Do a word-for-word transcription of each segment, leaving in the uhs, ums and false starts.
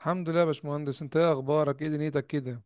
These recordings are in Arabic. الحمد لله يا باشمهندس، انت ايه اخبارك؟ ايه دنيتك كده؟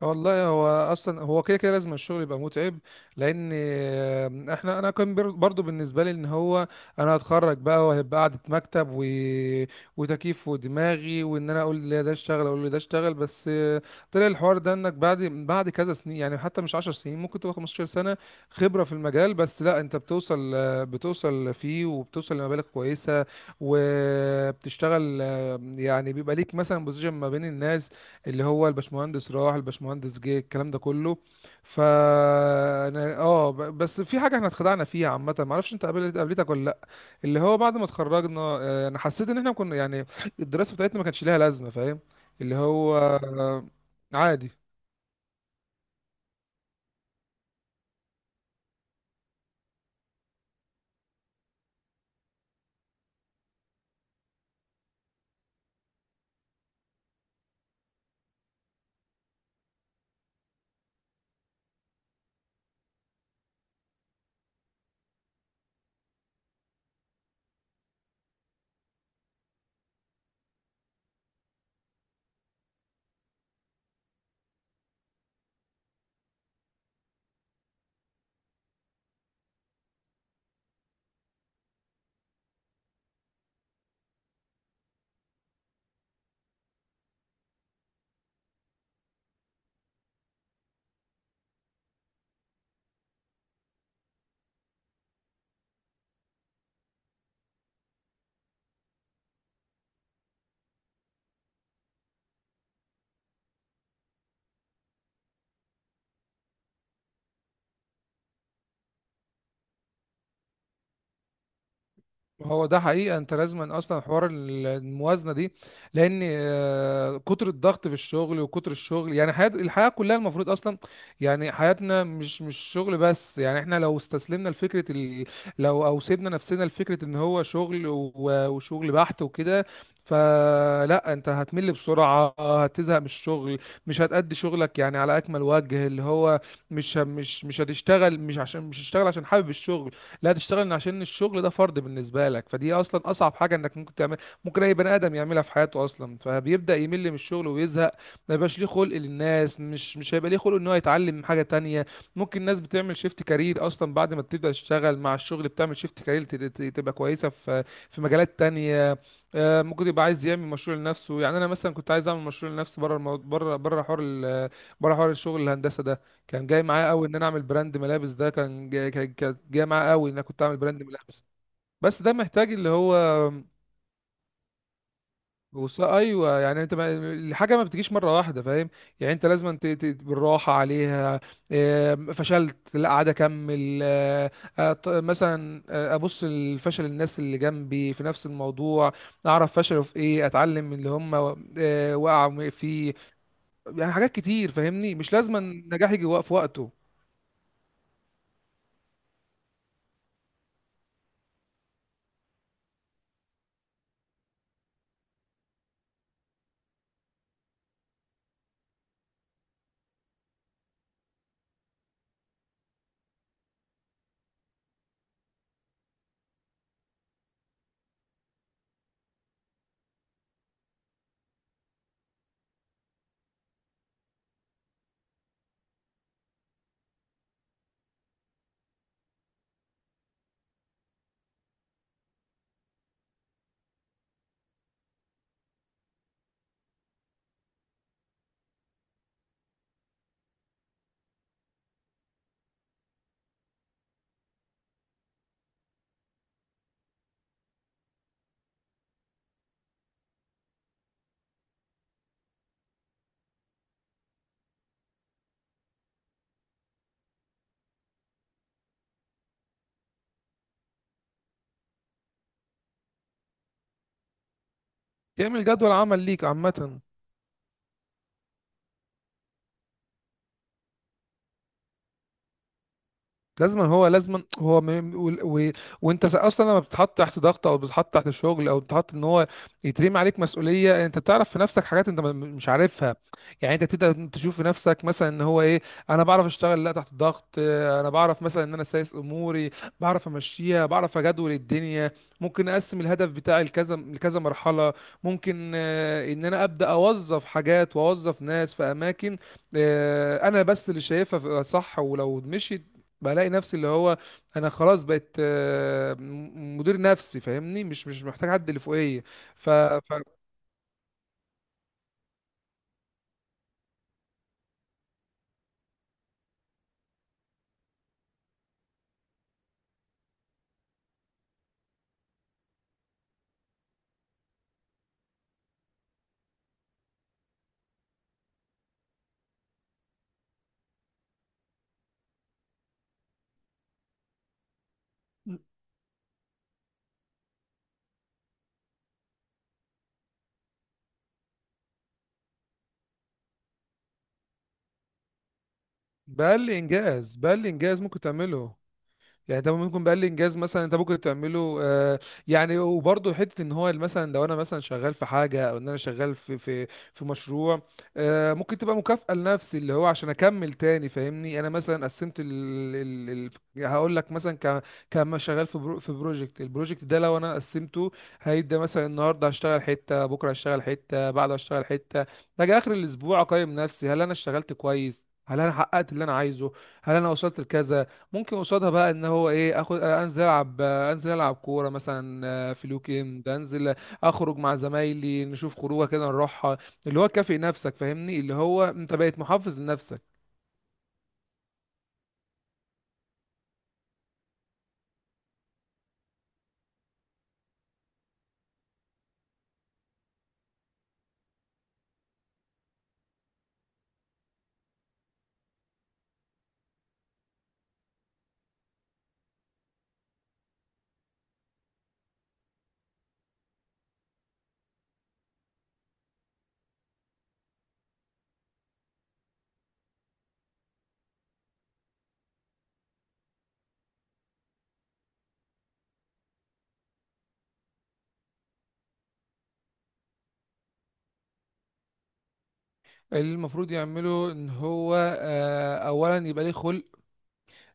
والله هو اصلا هو كده كده لازم الشغل يبقى متعب. لان آمم، احنا انا كان بر- برضو بالنسبه لي ان هو انا هتخرج بقى وهيبقى قعده مكتب و... وتكييف ودماغي، وان انا اقول لي ده اشتغل اقول لي ده اشتغل. بس طلع الحوار ده انك بعد بعد كذا سنين، يعني حتى مش عشر سنين، ممكن تبقى خمستاشر سنه خبره في المجال. بس لا انت بتوصل بتوصل فيه، وبتوصل لمبالغ كويسه. وبتشتغل، آمم، يعني بيبقى ليك مثلا بوزيشن ما بين الناس، اللي هو الباشمهندس راح الباشمهندس جه، الكلام ده كله. فانا اه ب- بس في حاجه احنا اتخدعنا فيها عامه، ما اعرفش انت قابلت قابلتك ولا لا، اللي هو بعد ما اتخرجنا، آه، انا حسيت ان احنا كنا يعني الدراسه بتاعتنا ما كانش ليها لازمه، فاهم؟ اللي هو آه، عادي. هو ده حقيقة، انت لازم اصلا حوار ال- الموازنة دي. لان آه، كتر الضغط في الشغل وكتر الشغل، يعني حياة الحياة كلها المفروض اصلا، يعني حياتنا مش مش شغل بس. يعني احنا لو استسلمنا لفكرة ال... لو او سيبنا نفسنا لفكرة ان هو شغل و... وشغل بحت وكده، فلا انت هتمل بسرعة، هتزهق من الشغل، مش هتأدي شغلك يعني على اكمل وجه. اللي هو مش مش مش هتشتغل مش عشان مش هتشتغل عشان حابب الشغل، لا تشتغل عشان الشغل ده فرض بالنسبه لك. فدي اصلا اصعب حاجه انك ممكن تعمل، ممكن اي بني ادم يعملها في حياته اصلا. فبيبدا يمل من الشغل ويزهق، ما يبقاش ليه خلق للناس، مش مش هيبقى ليه خلق ان هو يتعلم حاجه تانية. ممكن الناس بتعمل شيفت كارير اصلا، بعد ما بتبدا تشتغل مع الشغل بتعمل شيفت كارير، تبقى كويسه في في مجالات تانية. آه، ممكن يبقى عايز يعمل مشروع لنفسه. يعني انا مثلا كنت عايز اعمل مشروع لنفسي بره المو... بره بره حوار ال... بره حوار الشغل الهندسه ده. كان جاي معايا قوي ان انا اعمل براند ملابس، ده كان جاي كان- كانت جايه معايا قوي ان انا كنت اعمل براند ملابس. بس ده محتاج اللي هو وص- ايوه، يعني انت ما... الحاجه ما بتجيش مره واحده، فاهم؟ يعني انت لازم ت... ت... بالراحه عليها. آه، فشلت، لا عاد اكمل. آه، آه، ط- مثلا آه، ابص لفشل الناس اللي جنبي في نفس الموضوع، اعرف فشلوا في ايه، اتعلم من اللي هم و- آه، وقعوا فيه. يعني حاجات كتير، فاهمني؟ مش لازم النجاح يجي وق- في وقته. تعمل جدول عمل ليك عامه. لازما هو لازما هو م... م- و... و... وانت س- اصلا لما بتتحط تحت ضغط، او بتتحط تحت الشغل، او بتتحط ان هو يترمي عليك مسؤوليه، انت بتعرف في نفسك حاجات انت م- مش عارفها. يعني انت بتبدا تشوف في نفسك مثلا ان هو ايه، انا بعرف اشتغل لا تحت ضغط. اه، انا بعرف مثلا ان انا سايس اموري، بعرف امشيها، بعرف اجدول الدنيا. ممكن اقسم الهدف بتاعي لكذا لكذا مرحله. ممكن اه، ان انا ابدا اوظف حاجات واوظف ناس في اماكن اه، انا بس اللي شايفها صح. ولو مشيت، بلاقي نفسي اللي هو انا خلاص بقيت، آه، م- مدير نفسي، فاهمني؟ مش مش محتاج حد اللي فوقيه. ف ف- بقى لي انجاز، بقى لي انجاز ممكن تعمله. يعني ده ممكن بقى الانجاز مثلا انت ممكن تعمله آه، يعني. وبرضه حته ان هو مثلا لو انا مثلا شغال في حاجه، او ان انا شغال في في في مشروع، آه، ممكن تبقى مكافاه لنفسي، اللي هو عشان اكمل تاني، فاهمني؟ انا مثلا قسمت ال ال ال هقول لك مثلا ك كما شغال في برو في بروجكت. البروجكت ده لو انا قسمته، هيبدا مثلا النهارده هشتغل حته، بكره هشتغل حته، بعده هشتغل حته، اجي اخر الاسبوع اقيم نفسي: هل انا اشتغلت كويس؟ هل انا حققت اللي انا عايزه؟ هل انا وصلت لكذا؟ ممكن قصادها بقى ان هو ايه، اخد انزل العب، انزل العب كوره مثلا، آه، في الويك اند انزل اخرج مع زمايلي نشوف خروجه كده نروحها. اللي هو كافئ نفسك، فاهمني؟ اللي هو انت بقيت محافظ لنفسك. اللي المفروض يعمله ان هو آه، اولا يبقى ليه خلق.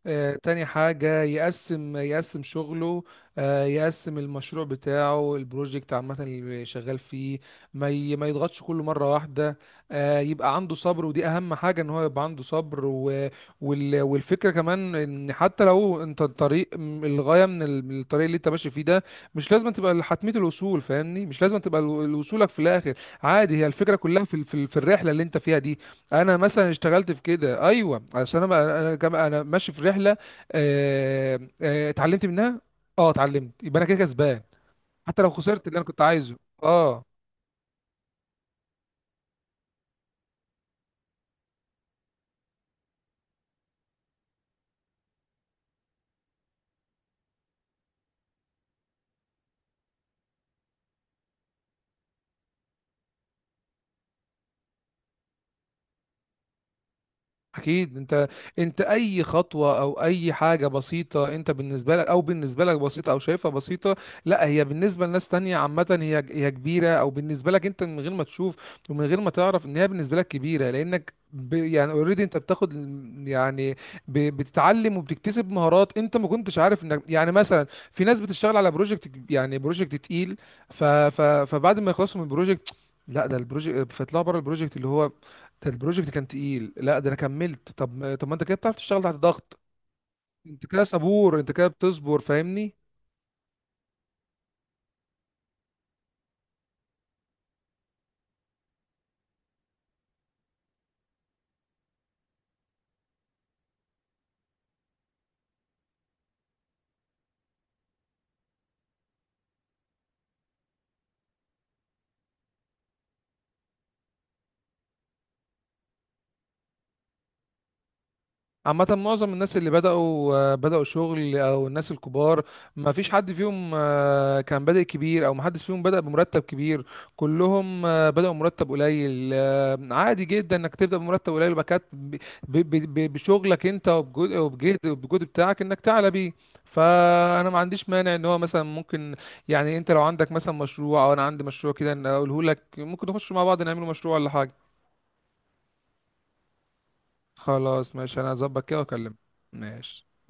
آه، تاني حاجة يقسم يقسم شغله، آه، يقسم المشروع بتاعه، البروجكت عامة اللي شغال فيه، ما ي- ما يضغطش كله مرة واحدة. آه، يبقى عنده صبر، ودي أهم حاجة، إن هو يبقى عنده صبر. و- وال- والفكرة كمان إن حتى لو أنت الطريق م- الغاية من ال- من الطريق اللي أنت ماشي فيه ده، مش لازم تبقى حتمية الوصول، فاهمني؟ مش لازم تبقى ال- وصولك في الآخر. عادي، هي الفكرة كلها في ال- في ال- في الرحلة اللي أنت فيها دي. انا مثلا اشتغلت في كده ايوه، عشان انا انا كم- انا ماشي في رحله، آه، آه، اتعلمت منها. اه، اتعلمت، يبقى انا كده كسبان. حتى لو خسرت اللي انا كنت عايزه، اه. اكيد. انت، انت اي خطوه او اي حاجه بسيطه، انت بالنسبه لك، او بالنسبه لك بسيطه او شايفها بسيطه، لا هي بالنسبه لناس تانية عامه، هي هي كبيره. او بالنسبه لك انت، من غير ما تشوف ومن غير ما تعرف ان هي بالنسبه لك كبيره، لانك ب يعني اوريدي انت بتاخد ال- يعني ب بتتعلم وبتكتسب مهارات انت ما كنتش عارف انك يعني مثلا. في ناس بتشتغل على بروجكت، يعني بروجكت تقيل، ف ف فبعد ما يخلصوا من البروجكت، لا ده البروجكت، فيطلعوا بره البروجكت اللي هو ده البروجكت كان تقيل، لا ده انا كملت. طب ما- طب ما انت كده بتعرف تشتغل تحت ضغط، انت كده صبور، انت كده بتصبر، فاهمني؟ عامة معظم الناس اللي بدأوا، آه، بدأوا شغل، أو الناس الكبار، ما فيش حد فيهم آه، كان بادئ كبير، أو ما حدش فيهم بدأ بمرتب كبير. كلهم آه، بدأوا مرتب قليل. آه، عادي جدا إنك تبدأ بمرتب قليل، وبعد كده ب- ب- ب- بشغلك أنت، وبجهد وبجهد وبجهد بتاعك، إنك تعلى بيه. فأنا ما عنديش مانع إن هو مثلا ممكن، يعني أنت لو عندك مثلا مشروع، أو أنا عندي مشروع كده، إن أقوله لك ممكن نخش مع بعض نعمله مشروع ولا حاجة. خلاص ماشي، أنا هظبط كده وأكلمك. ماشي.